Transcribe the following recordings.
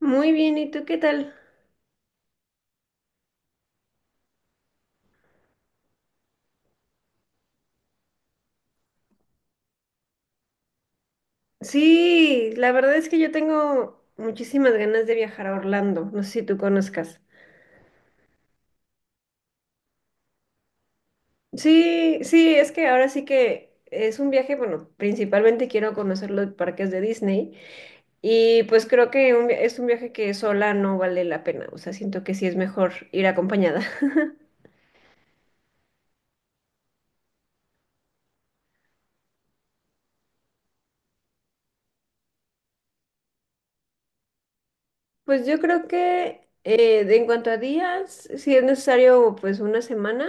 Muy bien, ¿y tú qué tal? Sí, la verdad es que yo tengo muchísimas ganas de viajar a Orlando, no sé si tú conozcas. Sí, sí, es que ahora sí que es un viaje, bueno, principalmente quiero conocer los parques de Disney, y pues creo que es un viaje que sola no vale la pena, o sea, siento que sí es mejor ir acompañada. Pues yo creo que en cuanto a días, si es necesario, pues una semana.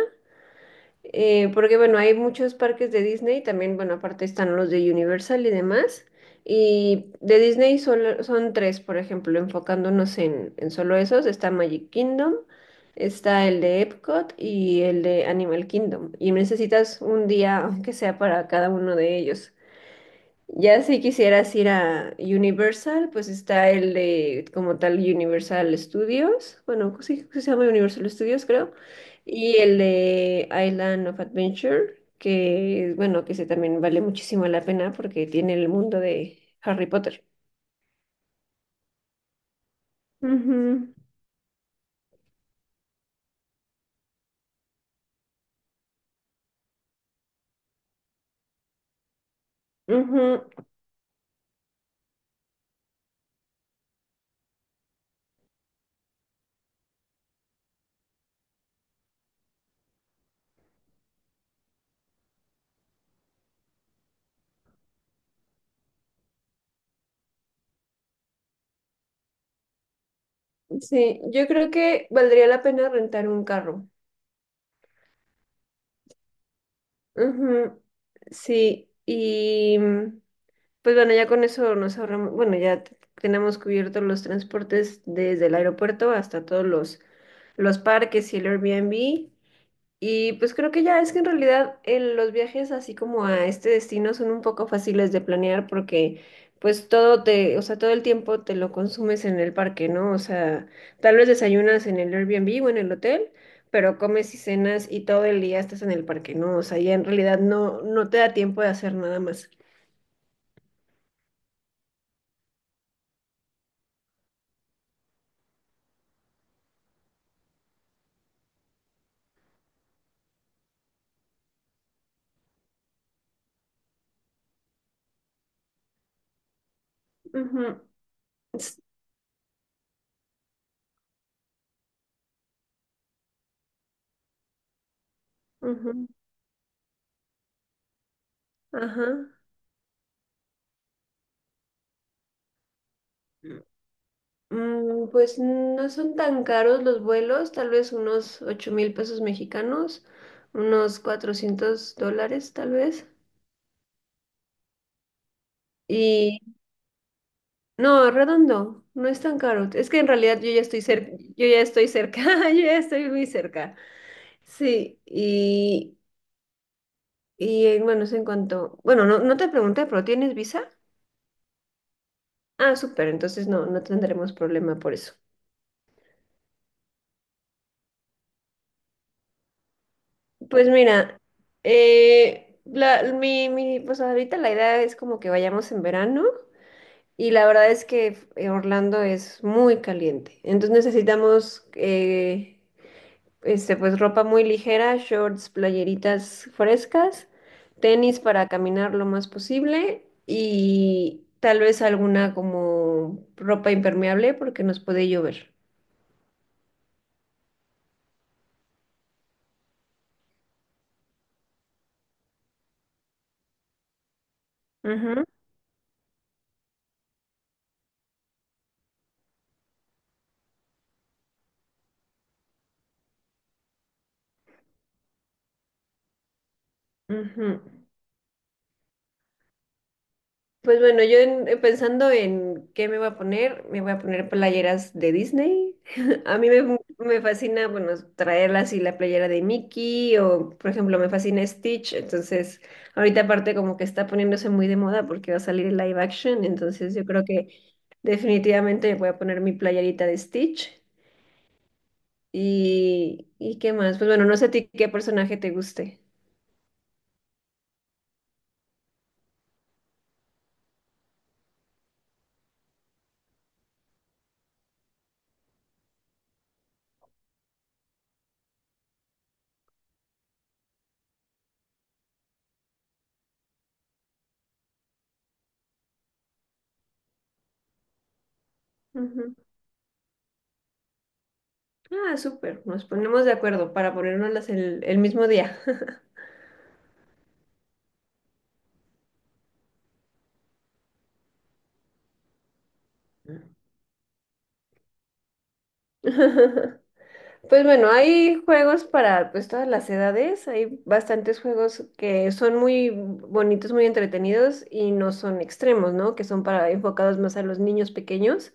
Porque bueno, hay muchos parques de Disney, también, bueno, aparte están los de Universal y demás. Y de Disney solo, son tres, por ejemplo, enfocándonos en solo esos, está Magic Kingdom, está el de Epcot y el de Animal Kingdom. Y necesitas un día, aunque sea para cada uno de ellos. Ya si quisieras ir a Universal, pues está el de como tal Universal Studios, bueno, sí, sí se llama Universal Studios, creo, y el de Island of Adventure, que bueno, que ese también vale muchísimo la pena porque tiene el mundo de Harry Potter. Ujú, ujú. Sí, yo creo que valdría la pena rentar un carro. Ujú, sí, y... Pues bueno, ya con eso nos ahorramos, bueno, ya tenemos cubiertos los transportes desde el aeropuerto hasta todos los parques y el Airbnb. Y pues creo que ya es que en realidad los viajes así como a este destino son un poco fáciles de planear porque pues todo te, o sea, todo el tiempo te lo consumes en el parque, ¿no? O sea, tal vez desayunas en el Airbnb o en el hotel, pero comes y cenas y todo el día estás en el parque, ¿no? O sea, ya en realidad no te da tiempo de hacer nada más. Ujú. Ujú, ajá. Pues no son tan caros los vuelos, tal vez unos 8,000 pesos mexicanos, unos $400 tal vez. Y no, redondo, no es tan caro. Es que en realidad yo ya estoy cerca, yo ya estoy cerca, yo ya estoy muy cerca. Sí, y, bueno, es en cuanto, bueno, no, no te pregunté, pero ¿tienes visa? Ah, súper, entonces no, no tendremos problema por eso. Pues mira, pues ahorita la idea es como que vayamos en verano y la verdad es que Orlando es muy caliente, entonces necesitamos este, pues ropa muy ligera, shorts, playeritas frescas, tenis para caminar lo más posible y tal vez alguna como ropa impermeable porque nos puede llover. Ujú, ujú. Pues bueno, yo pensando en qué me voy a poner, me voy a poner playeras de Disney. A mí me fascina, bueno, traerla así la playera de Mickey o, por ejemplo, me fascina Stitch. Entonces, ahorita aparte como que está poniéndose muy de moda porque va a salir el live action. Entonces, yo creo que definitivamente voy a poner mi playerita de Stitch. ¿Y qué más? Pues bueno, no sé a ti qué personaje te guste. Ujú. Ah, súper. Nos ponemos de acuerdo para ponérnoslas el mismo día. Pues bueno, hay juegos para pues todas las edades, hay bastantes juegos que son muy bonitos, muy entretenidos y no son extremos, ¿no? Que son para enfocados más a los niños pequeños.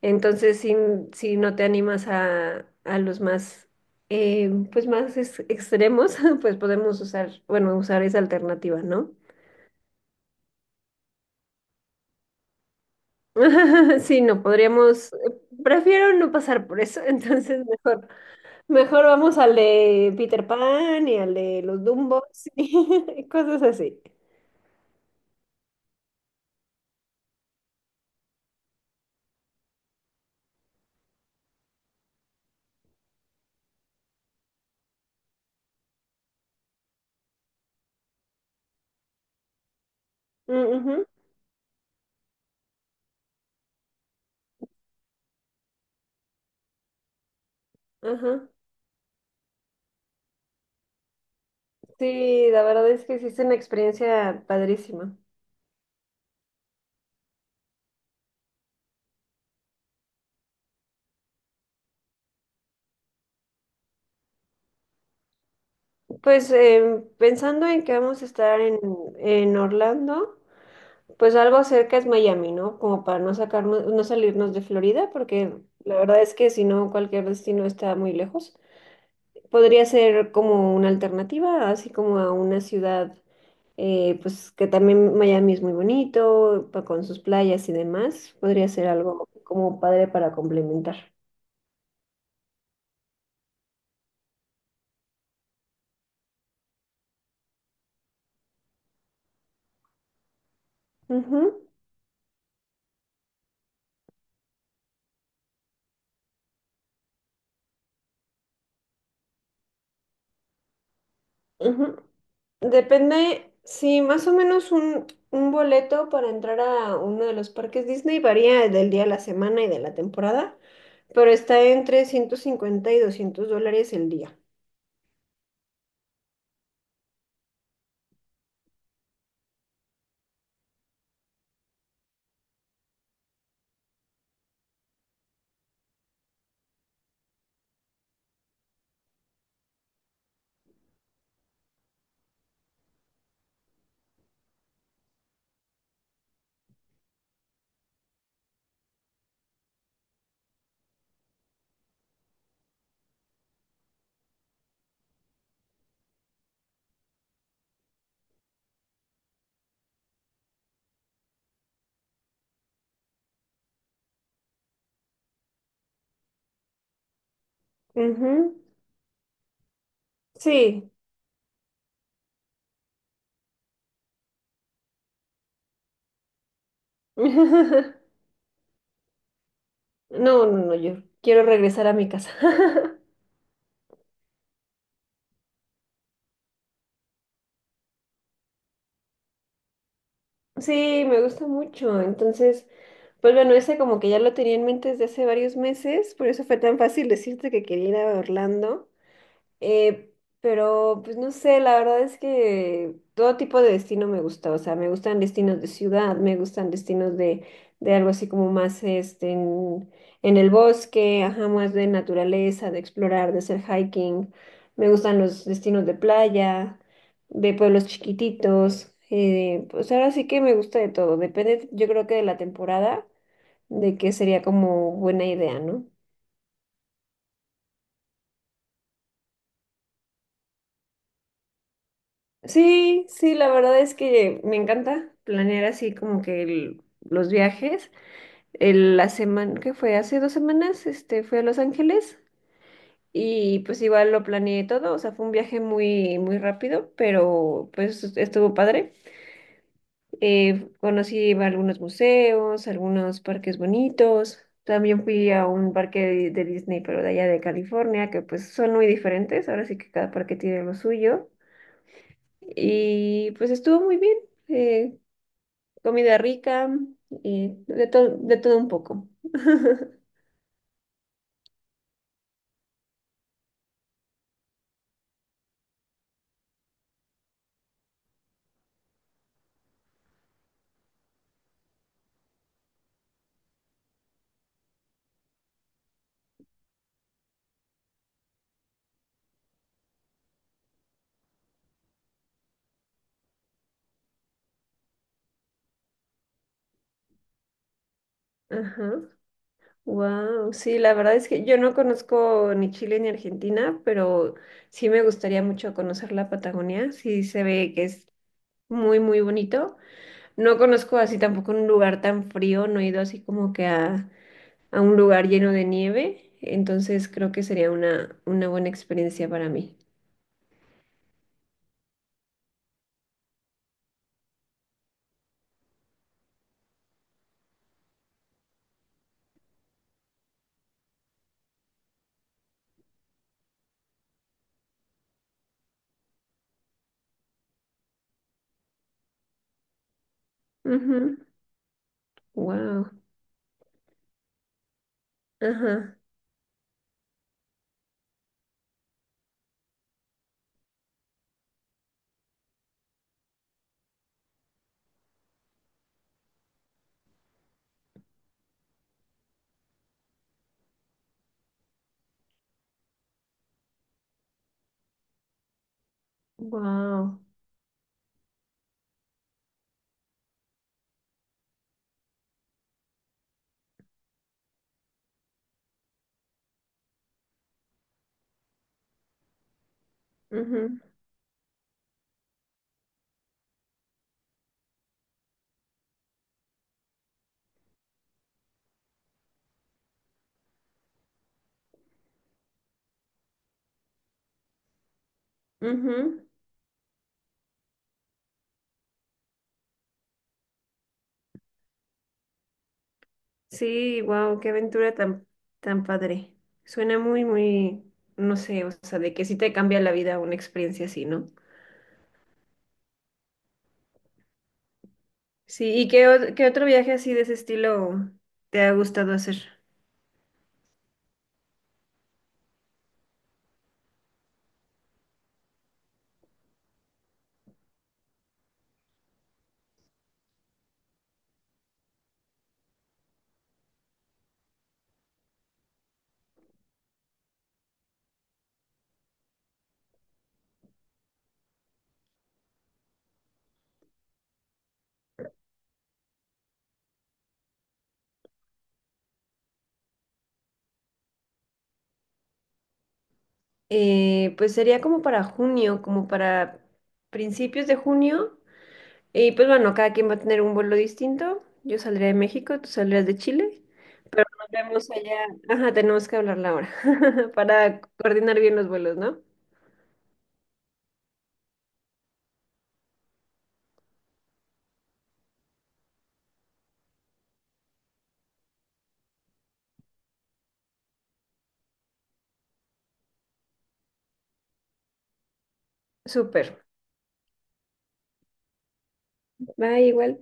Entonces, si, si no te animas a, los más pues más extremos, pues podemos usar, bueno, usar esa alternativa, ¿no? Sí, no, podríamos, prefiero no pasar por eso, entonces mejor vamos al de Peter Pan y al de los Dumbos y cosas así. Mm, ujú, ajá. Sí, la verdad es que sí es una experiencia padrísima. Pues em, pensando en que vamos a estar en Orlando, pues algo cerca es Miami, ¿no? Como para no sacarnos, no salirnos de Florida, porque la verdad es que si no, cualquier destino está muy lejos. Podría ser como una alternativa, así como a una ciudad. Pues que también Miami es muy bonito, con sus playas y demás, podría ser algo como padre para complementar. Ujú, ujú. Depende, sí, más o menos un boleto para entrar a uno de los parques Disney varía del día a la semana y de la temporada, pero está entre 150 y $200 el día. Ujú, sí. No, no, no, yo quiero regresar a mi casa. Sí, me gusta mucho. Entonces, pues bueno, ese como que ya lo tenía en mente desde hace varios meses, por eso fue tan fácil decirte que quería ir a Orlando. Eh, pero, pues no sé, la verdad es que todo tipo de destino me gusta, o sea, me gustan destinos de ciudad, me gustan destinos de algo así como más este, en el bosque, ajá, más de naturaleza, de explorar, de hacer hiking, me gustan los destinos de playa, de pueblos chiquititos, pues ahora sí que me gusta de todo, depende, yo creo que de la temporada, de qué sería como buena idea, ¿no? Sí, sí, la verdad es que me encanta planear así como que los viajes. La semana que fue hace 2 semanas, este, fui a Los Ángeles y pues igual lo planeé todo, o sea, fue un viaje muy, muy rápido, pero pues estuvo padre. Conocí algunos museos, algunos parques bonitos. También fui a un parque de Disney, pero de allá de California, que pues son muy diferentes. Ahora sí que cada parque tiene lo suyo. Y pues estuvo muy bien. Eh, Comida rica, y de todo un poco. Ajá. Wow, sí, la verdad es que yo no conozco ni Chile ni Argentina, pero sí me gustaría mucho conocer la Patagonia. Sí se ve que es muy, muy bonito. No conozco así tampoco un lugar tan frío, no he ido así como que a un lugar lleno de nieve. Entonces creo que sería una buena experiencia para mí. Wow. Ajá. Wow. Ajá. Guau. Sí, wow, qué aventura tan, tan padre. Suena muy, muy, no sé, o sea, de que sí te cambia la vida una experiencia así, ¿no? Sí, ¿y qué otro viaje así de ese estilo te ha gustado hacer? Pues sería como para junio, como para principios de junio. Y pues bueno, cada quien va a tener un vuelo distinto. Yo saldré de México, tú saldrás de Chile, pero nos vemos allá. Ajá, tenemos que hablar la hora para coordinar bien los vuelos, ¿no? Súper. Va igual.